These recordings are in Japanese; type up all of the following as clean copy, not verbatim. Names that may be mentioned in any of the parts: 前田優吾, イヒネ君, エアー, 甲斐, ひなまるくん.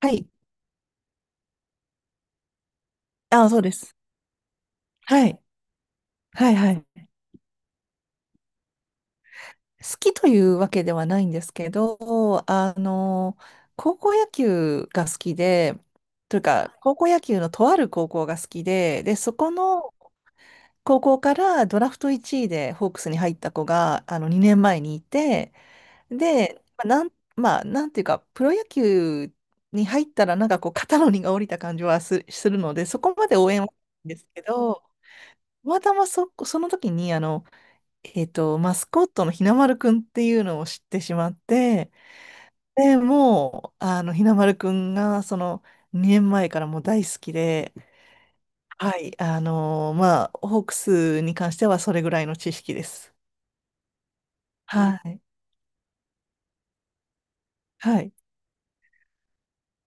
はい。あ、そうです。はい。はい、はい。好きというわけではないんですけど、高校野球が好きで、というか、高校野球のとある高校が好きで、で、そこの高校からドラフト1位でホークスに入った子が、2年前にいて、で、まあ、なんていうか、プロ野球に入ったら、なんかこう、肩の荷が下りた感じはするので、そこまで応援はしないんですけど、たまたまその時に、マスコットのひなまるくんっていうのを知ってしまって、で、もう、ひなまるくんが、その、2年前からもう大好きで、はい、まあ、ホークスに関してはそれぐらいの知識です。はい。はい。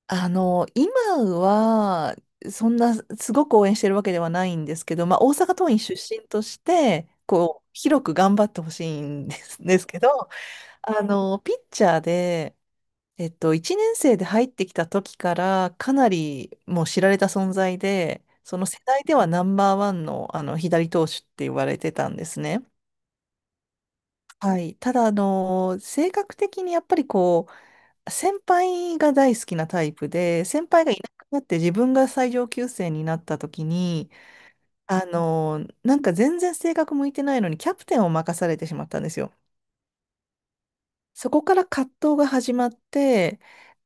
今は、そんな、すごく応援してるわけではないんですけど、まあ、大阪桐蔭出身として、こう、広く頑張ってほしいんですけど、ピッチャーで、1年生で入ってきた時からかなりもう知られた存在で、その世代ではナンバーワンの、左投手って言われてたんですね。はい。ただ、性格的にやっぱりこう、先輩が大好きなタイプで、先輩がいなくなって自分が最上級生になった時に、なんか全然性格向いてないのにキャプテンを任されてしまったんですよ。そこから葛藤が始まって、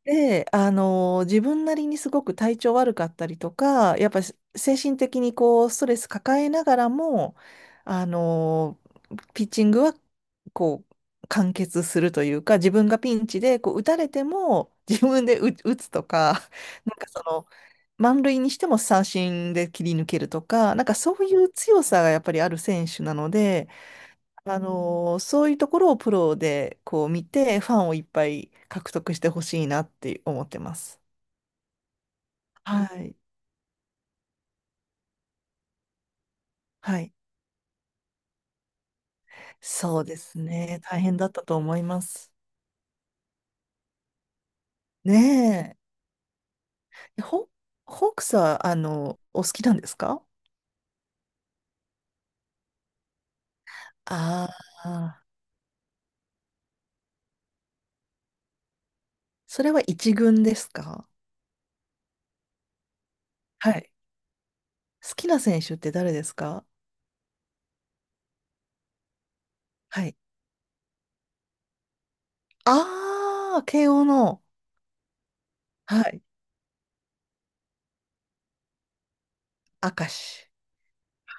で、自分なりにすごく体調悪かったりとか、やっぱり精神的にこう、ストレス抱えながらも、あのピッチングは、こう、完結するというか、自分がピンチで、こう、打たれても、自分で打つとか、なんかその、満塁にしても三振で切り抜けるとか、なんかそういう強さがやっぱりある選手なので、そういうところをプロでこう見て、ファンをいっぱい獲得してほしいなって思ってます。はい。はい。そうですね。大変だったと思います。ねえ。ホークスは、お好きなんですか？ああー、それは一軍ですか？はい。好きな選手って誰ですか？はい。ああ、慶応の、はい。明石。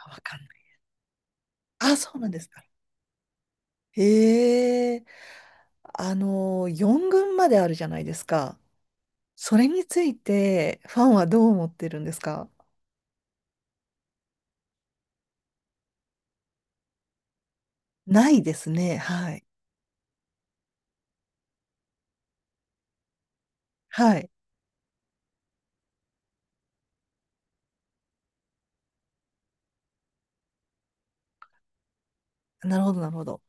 あわかんない。あ、そうなんですか。へえ。4軍まであるじゃないですか。それについて、ファンはどう思ってるんですか？ないですね。はい。はい。なるほど、なるほど。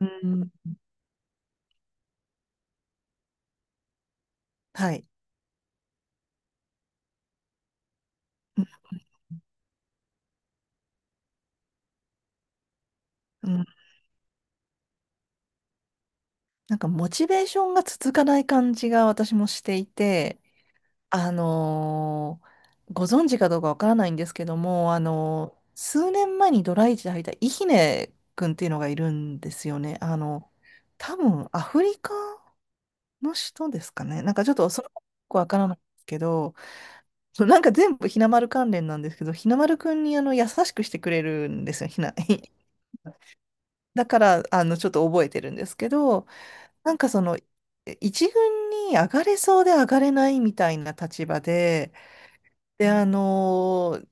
うん。はい。うん。うん。なんか、モチベーションが続かない感じが私もしていて、あのーご存知かどうかわからないんですけども、数年前にドライチで履いたイヒネ君っていうのがいるんですよね。多分、アフリカの人ですかね。なんか、ちょっと、それはよくわからないんですけど、そうなんか全部ひなまる関連なんですけど、ひなまるくんに優しくしてくれるんですよ、ひな、だから、ちょっと覚えてるんですけど、なんかその、一軍に上がれそうで上がれないみたいな立場で、で、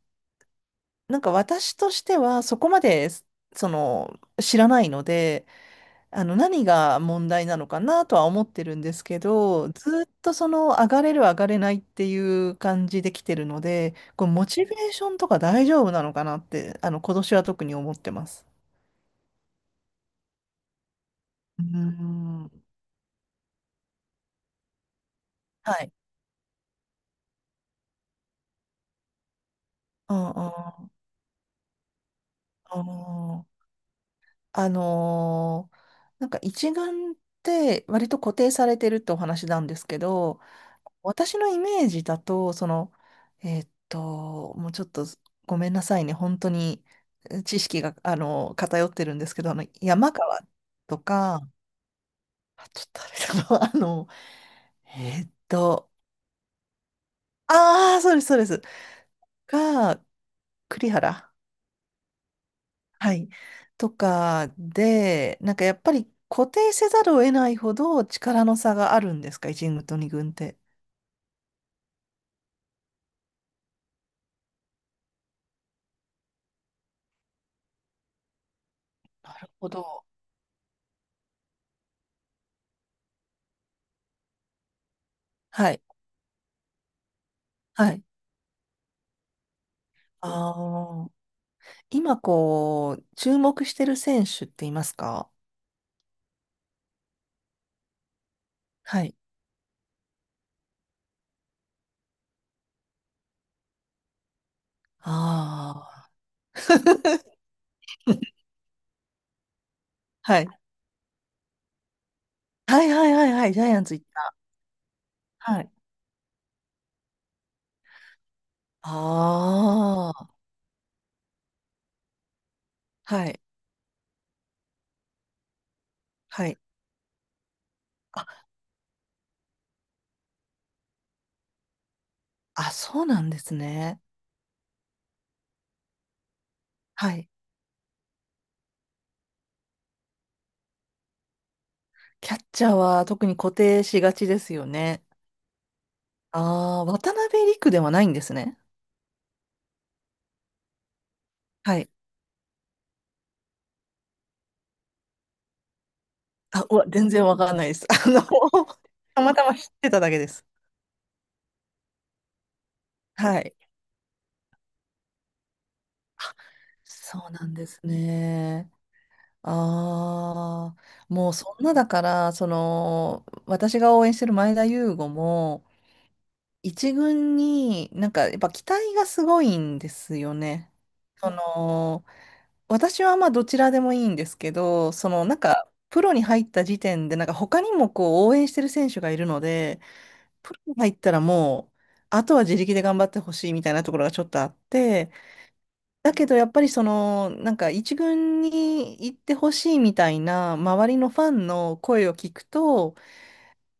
なんか私としてはそこまで、その、知らないので、何が問題なのかなとは思ってるんですけど、ずっとその、上がれる上がれないっていう感じで来てるので、こう、モチベーションとか大丈夫なのかなって、今年は特に思ってます。うーん。はい。うんうん。あー。あのーなんか一眼って割と固定されてるってお話なんですけど、私のイメージだと、その、もうちょっとごめんなさいね、本当に知識が、偏ってるんですけど、山川とか、あ、ちょっとあれだな、えーっと、ああ、そうです、そうです。が、栗原。はい。とかで、なんかやっぱり固定せざるを得ないほど力の差があるんですか、1軍と2軍って？なるほど。はい。はい。ああ。今こう、注目してる選手っていますか？はい。ああ。はい。はいはいはいはい。ジャイアンツ行った。はい。ああ。はい。はい。あ、あ、そうなんですね。はい。キャッチャーは特に固定しがちですよね。ああ、渡辺陸ではないんですね。はい。あ、うわ、全然わかんないです。たまたま知ってただけです。はい。そうなんですね。ああ、もうそんなだから、その、私が応援してる前田優吾も、一軍になんかやっぱ期待がすごいんですよね。その、私はまあどちらでもいいんですけど、そのなんか、プロに入った時点で、なんか他にもこう応援してる選手がいるので、プロに入ったらもう、あとは自力で頑張ってほしいみたいなところがちょっとあって、だけどやっぱりその、なんか一軍に行ってほしいみたいな周りのファンの声を聞くと、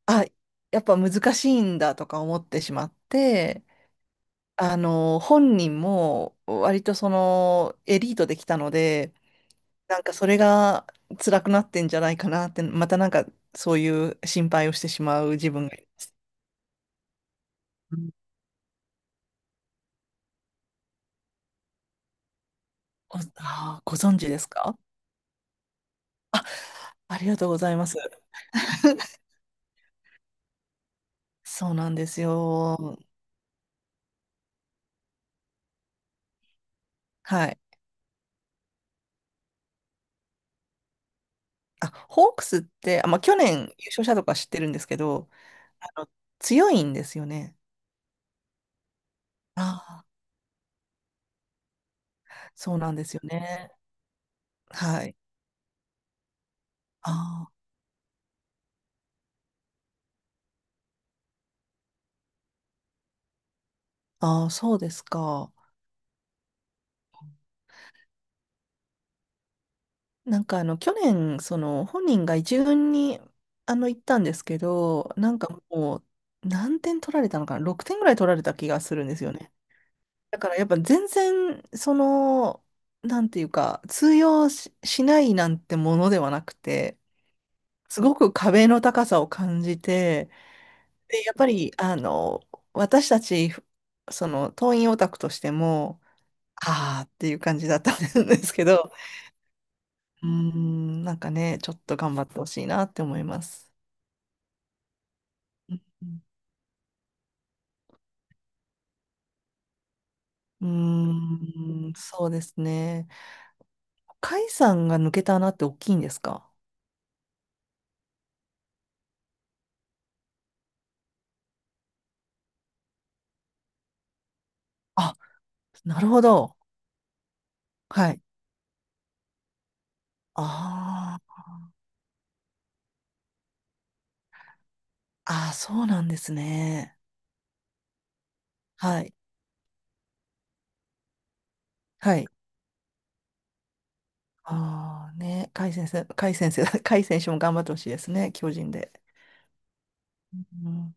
あ、やっぱ難しいんだとか思ってしまって、本人も割とそのエリートできたので、なんかそれが辛くなってんじゃないかなって、またなんかそういう心配をしてしまう自分がいます。うん。あー、ご存知ですか？ありがとうございます。そうなんですよ。はい。あ、ホークスって、あ、まあ、去年優勝したとか知ってるんですけど、あの、強いんですよね。ああ、そうなんですよね。はい。あー。あー、あそうですか。なんかあの、去年、その、本人が一軍に、行ったんですけど、なんかもう、何点取られたのかな？ 6 点ぐらい取られた気がするんですよね。だからやっぱ全然、その、なんていうか、通用しないなんてものではなくて、すごく壁の高さを感じて、で、やっぱり、私たち、その、党員オタクとしても、ああっていう感じだったんですけど、うーん、なんかね、ちょっと頑張ってほしいなって思います。うん、うーんそうですね。甲斐さんが抜けた穴って大きいんですか？あ、なるほど。はい。ああ、ああ、そうなんですね。はい。はい。ああ、ね、甲斐先生、甲斐先生、甲斐選手も頑張ってほしいですね、巨人で。うん